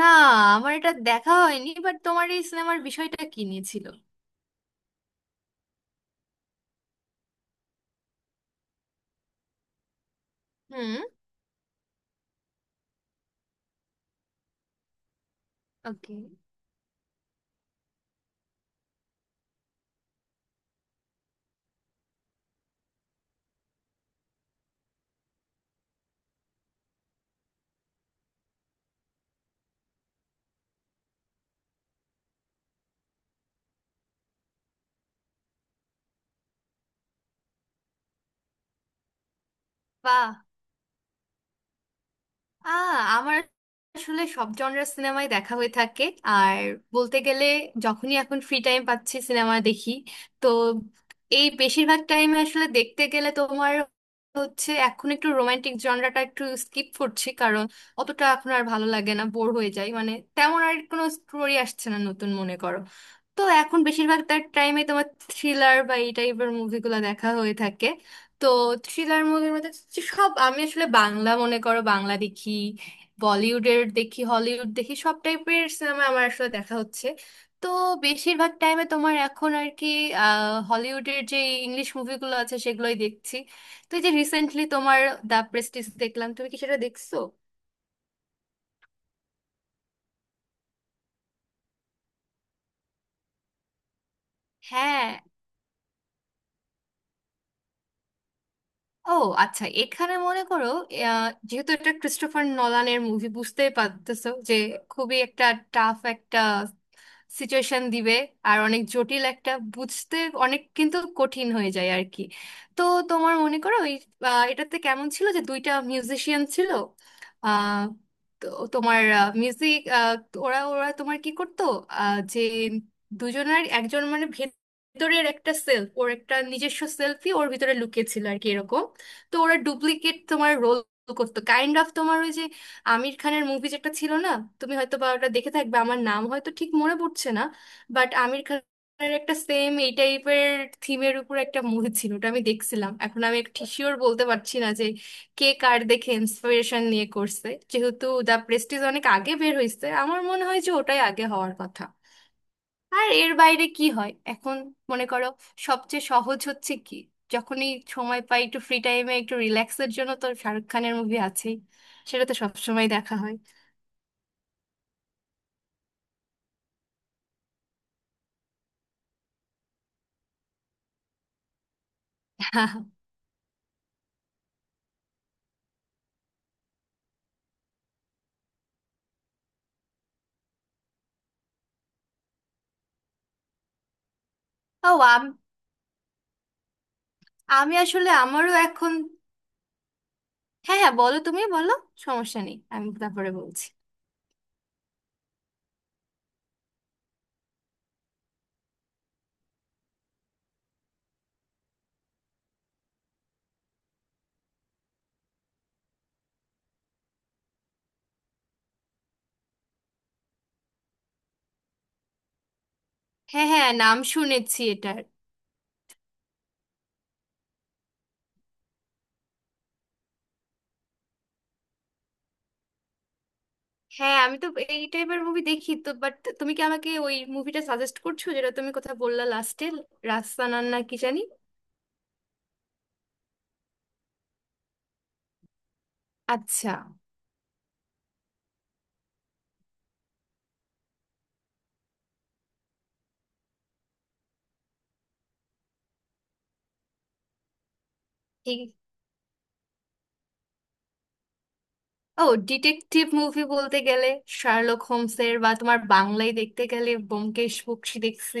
না। আমার এটা দেখা হয়নি, বাট তোমার এই সিনেমার বিষয়টা কি নিয়েছিল? হুম। ওকে। বাহ। আ আমার আসলে সব জনরার সিনেমাই দেখা হয়ে থাকে। আর বলতে গেলে, যখনই এখন ফ্রি টাইম পাচ্ছি সিনেমা দেখি। তো এই বেশিরভাগ টাইমে আসলে দেখতে গেলে তোমার হচ্ছে এখন একটু রোমান্টিক জনরাটা একটু স্কিপ করছি, কারণ অতটা এখন আর ভালো লাগে না, বোর হয়ে যায়, মানে তেমন আর কোনো স্টোরি আসছে না নতুন, মনে করো। তো এখন বেশিরভাগ তার টাইমে তোমার থ্রিলার বা এই টাইপের মুভিগুলো দেখা হয়ে থাকে। তো থ্রিলার মুভির মধ্যে হচ্ছে সব, আমি আসলে বাংলা মনে করো, বাংলা দেখি, বলিউডের দেখি, হলিউড দেখি, সব টাইপের সিনেমা আমার আসলে দেখা হচ্ছে। তো বেশিরভাগ টাইমে তোমার এখন আর কি, হলিউডের যে ইংলিশ মুভিগুলো আছে সেগুলোই দেখছি। তো এই যে রিসেন্টলি তোমার দ্য প্রেস্টিজ দেখলাম, তুমি কি সেটা দেখছো? হ্যাঁ। ও আচ্ছা, এখানে মনে করো, যেহেতু এটা ক্রিস্টোফার নলানের মুভি, বুঝতেই পারতেছো যে খুবই একটা টাফ একটা সিচুয়েশন দিবে। আর অনেক জটিল, একটা বুঝতে অনেক কিন্তু কঠিন হয়ে যায় আর কি। তো তোমার মনে করো ওই, এটাতে কেমন ছিল যে দুইটা মিউজিশিয়ান ছিল। আহ, তো তোমার মিউজিক, ওরা ওরা তোমার কি করতো, যে দুজনের একজন, মানে ভেতরের একটা সেলফ, ওর একটা নিজস্ব সেলফি ওর ভিতরে লুকিয়ে ছিল আর কি এরকম। তো ওরা ডুপ্লিকেট তোমার রোল করতো, কাইন্ড অফ তোমার আমির খানের মুভি যেটা ছিল না, তুমি হয়তো বা ওটা দেখে থাকবে, আমার নাম হয়তো ঠিক মনে পড়ছে না, বাট আমির খানের একটা সেম এই টাইপের থিমের উপর একটা মুভি ছিল, ওটা আমি দেখছিলাম। এখন আমি ঠিক শিওর বলতে পারছি না যে কে কার দেখে ইন্সপিরেশন নিয়ে করছে, যেহেতু দ্য প্রেস্টিজ অনেক আগে বের হয়েছে, আমার মনে হয় যে ওটাই আগে হওয়ার কথা। আর এর বাইরে কি হয় এখন, মনে করো সবচেয়ে সহজ হচ্ছে কি, যখনই সময় পাই একটু ফ্রি টাইমে একটু রিল্যাক্সের জন্য, তো শাহরুখ খানের মুভি আছেই, সেটা তো সবসময় দেখা হয়। ও আম- আমি আসলে আমারও এখন। হ্যাঁ হ্যাঁ, বলো তুমি বলো, সমস্যা নেই, আমি তারপরে বলছি। হ্যাঁ হ্যাঁ, নাম শুনেছি এটার। হ্যাঁ আমি তো এই টাইপের মুভি দেখি তো, বাট তুমি কি আমাকে ওই মুভিটা সাজেস্ট করছো যেটা তুমি কথা বললা লাস্টে, রাস্তানার না কি জানি। আচ্ছা। ঠিক। ও ডিটেকটিভ মুভি বলতে গেলে শার্লক হোমসের, বা তোমার বাংলায় দেখতে গেলে ব্যোমকেশ বক্সী দেখছি,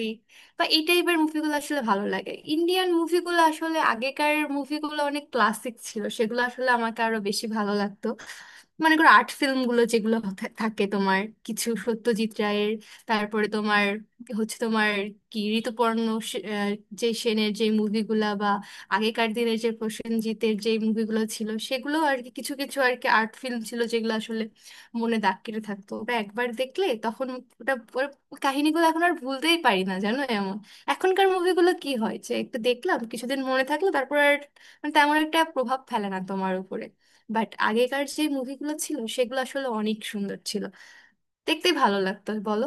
বা এই টাইপের মুভিগুলো আসলে ভালো লাগে। ইন্ডিয়ান মুভিগুলো আসলে আগেকার মুভিগুলো অনেক ক্লাসিক ছিল, সেগুলো আসলে আমাকে আরো বেশি ভালো লাগতো। মনে করো আর্ট ফিল্ম গুলো যেগুলো থাকে তোমার, কিছু সত্যজিৎ রায়ের, তারপরে তোমার হচ্ছে তোমার কি ঋতুপর্ণ যে সেনের যে মুভিগুলা, বা আগেকার দিনের যে প্রসেনজিতের যে মুভিগুলো ছিল, সেগুলো আর কি, কিছু কিছু আর কি আর্ট ফিল্ম ছিল যেগুলো আসলে মনে দাগ কেটে থাকতো, ওটা একবার দেখলে তখন ওটা ওর কাহিনীগুলো এখন আর ভুলতেই পারি না, জানো এমন। এখনকার মুভিগুলো কি হয় যে একটু দেখলাম, কিছুদিন মনে থাকলো, তারপর আর মানে তেমন একটা প্রভাব ফেলে না তোমার উপরে। বাট আগেকার যে মুভিগুলো ছিল, সেগুলো আসলে অনেক সুন্দর ছিল, দেখতে ভালো লাগতো, বলো?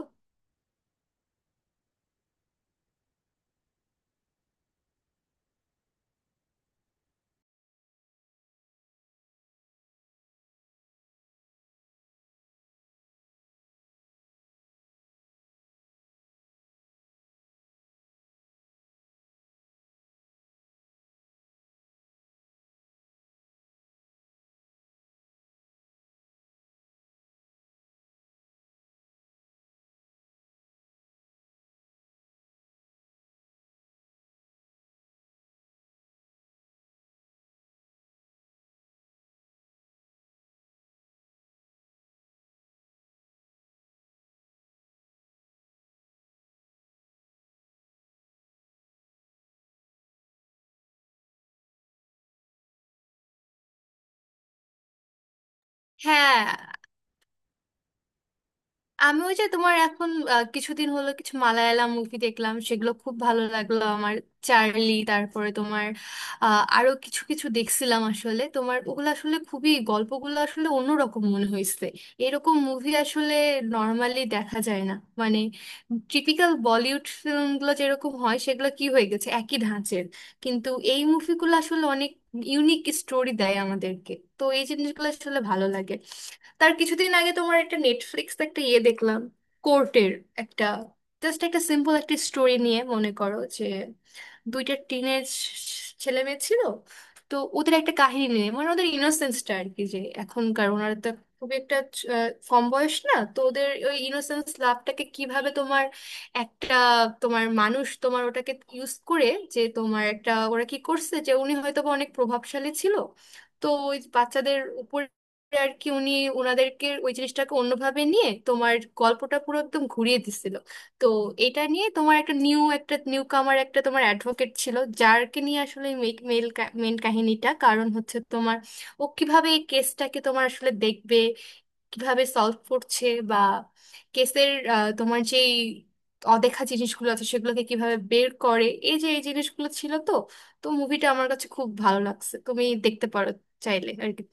হ্যাঁ। আমি ওই যে তোমার এখন কিছুদিন হলো কিছু মালায়ালাম মুভি দেখলাম, সেগুলো খুব ভালো লাগলো আমার। চার্লি, তারপরে তোমার, আরো কিছু কিছু দেখছিলাম আসলে তোমার, ওগুলো আসলে খুবই গল্পগুলো আসলে অন্যরকম মনে হয়েছে। এরকম মুভি আসলে নর্মালি দেখা যায় না। মানে টিপিক্যাল বলিউড ফিল্মগুলো যেরকম হয়, সেগুলো কি হয়ে গেছে একই ধাঁচের, কিন্তু এই মুভিগুলো আসলে অনেক ইউনিক স্টোরি দেয় আমাদেরকে। তো এই জিনিসগুলো আসলে ভালো লাগে। তার কিছুদিন আগে তোমার একটা নেটফ্লিক্স একটা ইয়ে দেখলাম, কোর্টের একটা, জাস্ট একটা সিম্পল একটা স্টোরি নিয়ে, মনে করো যে দুইটা টিনেজ ছেলে মেয়ে ছিল, তো ওদের একটা কাহিনী নিয়ে, মানে ওদের ইনোসেন্সটা আর কি, যে এখনকার ওনারা তো খুব একটা কম বয়স না, তো ওদের ওই ইনোসেন্স লাভটাকে কিভাবে তোমার একটা তোমার মানুষ তোমার ওটাকে ইউজ করে, যে তোমার একটা ওরা কি করছে যে উনি হয়তো বা অনেক প্রভাবশালী ছিল, তো ওই বাচ্চাদের উপর আর কি উনি ওনাদেরকে ওই জিনিসটাকে অন্যভাবে নিয়ে তোমার গল্পটা পুরো একদম ঘুরিয়ে দিছিল। তো এটা নিয়ে তোমার একটা নিউ একটা নিউ কামার একটা তোমার অ্যাডভোকেট ছিল, যারকে নিয়ে আসলে মেল মেন কাহিনীটা, কারণ হচ্ছে তোমার ও কিভাবে এই কেসটাকে তোমার আসলে দেখবে, কিভাবে সলভ করছে, বা কেসের তোমার যে অদেখা জিনিসগুলো আছে সেগুলোকে কিভাবে বের করে, এই যে এই জিনিসগুলো ছিল তো। তো মুভিটা আমার কাছে খুব ভালো লাগছে, তুমি দেখতে পারো চাইলে আর কি।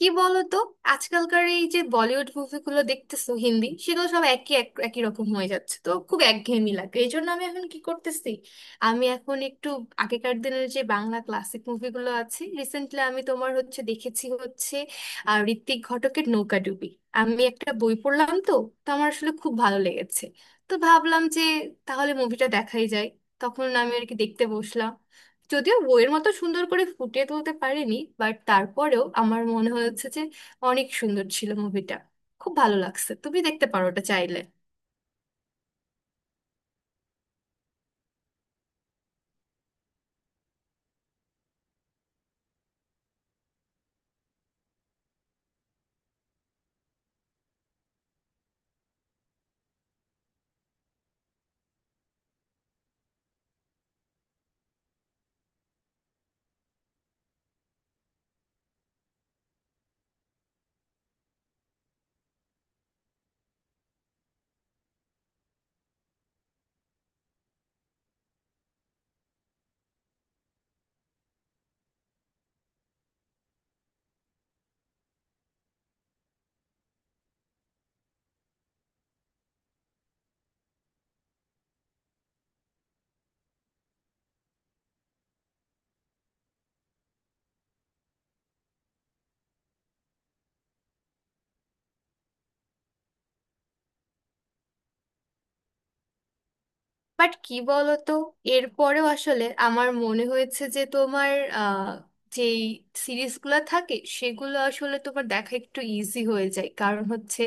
কি বলতো, আজকালকার এই যে বলিউড মুভিগুলো দেখতেছো হিন্দি, সেগুলো সব একই এক একই রকম হয়ে যাচ্ছে, তো খুব একঘেয়েমি লাগে। এই জন্য আমি এখন কি করতেছি, আমি এখন একটু আগেকার দিনের যে বাংলা ক্লাসিক মুভিগুলো আছে, রিসেন্টলি আমি তোমার হচ্ছে দেখেছি হচ্ছে ঋত্বিক ঘটকের নৌকাডুবি। আমি একটা বই পড়লাম তো, তো আমার আসলে খুব ভালো লেগেছে, তো ভাবলাম যে তাহলে মুভিটা দেখাই যায়, তখন আমি আর কি দেখতে বসলাম। যদিও বইয়ের মতো সুন্দর করে ফুটিয়ে তুলতে পারেনি, বাট তারপরেও আমার মনে হয়েছে যে অনেক সুন্দর ছিল মুভিটা, খুব ভালো লাগছে, তুমি দেখতে পারো ওটা চাইলে। বাট কি বলতো, এরপরেও আসলে আমার মনে হয়েছে যে তোমার, আহ, যেই সিরিজগুলো থাকে, সেগুলো আসলে তোমার দেখা একটু ইজি হয়ে যায়, কারণ হচ্ছে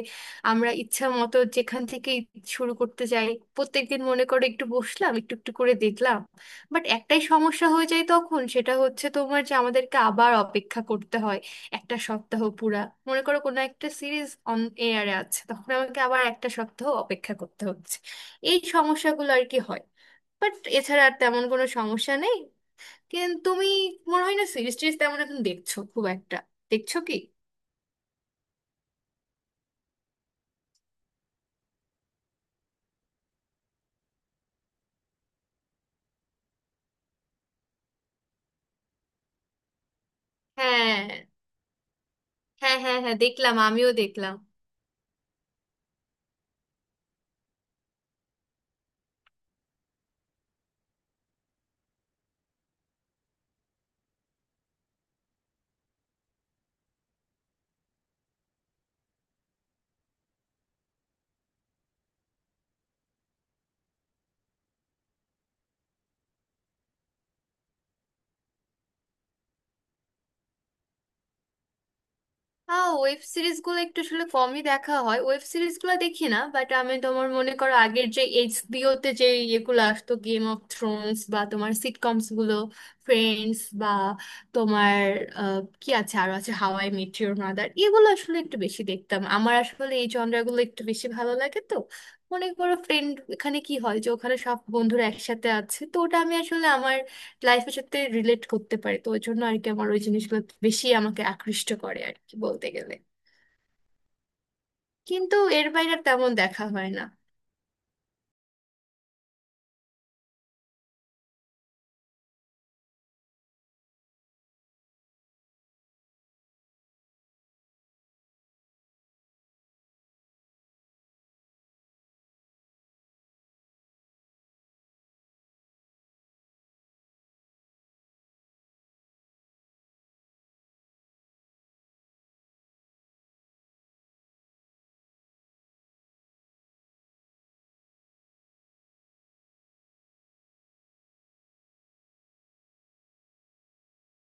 আমরা ইচ্ছা মতো যেখান থেকে শুরু করতে যাই। প্রত্যেকদিন মনে করো একটু বসলাম, একটু একটু করে দেখলাম। বাট একটাই সমস্যা হয়ে যায় তখন, সেটা হচ্ছে তোমার যে আমাদেরকে আবার অপেক্ষা করতে হয় একটা সপ্তাহ পুরা। মনে করো কোনো একটা সিরিজ অন এয়ারে আছে, তখন আমাকে আবার একটা সপ্তাহ অপেক্ষা করতে হচ্ছে। এই সমস্যাগুলো আর কি হয়, বাট এছাড়া আর তেমন কোনো সমস্যা নেই। কিন্তু তুমি মনে হয় না সিরিজ টিরিজ তেমন এখন দেখছো খুব একটা, দেখছো কি? হ্যাঁ হ্যাঁ হ্যাঁ হ্যাঁ, দেখলাম আমিও দেখলাম। ওয়েব সিরিজগুলো একটু আসলে কমই দেখা হয়, ওয়েব সিরিজগুলো দেখি না, বাট আমি তোমার মনে করো আগের যে এইচবিও তে যে ইয়েগুলো আসতো, গেম অফ থ্রোনস বা তোমার সিটকমস গুলো ফ্রেন্ডস, বা তোমার কি আছে, আরো আছে how I met your mother, এগুলো আসলে একটু বেশি দেখতাম। আমার আসলে এই জনরাগুলো একটু বেশি ভালো লাগে তো। মনে করো ফ্রেন্ড, এখানে কি হয় যে ওখানে সব বন্ধুরা একসাথে আছে, তো ওটা আমি আসলে আমার লাইফের সাথে রিলেট করতে পারি, তো ওই জন্য আর কি আমার ওই জিনিসগুলো বেশি আমাকে আকৃষ্ট করে আর কি বলতে গেলে। কিন্তু এর বাইরে আর তেমন দেখা হয় না।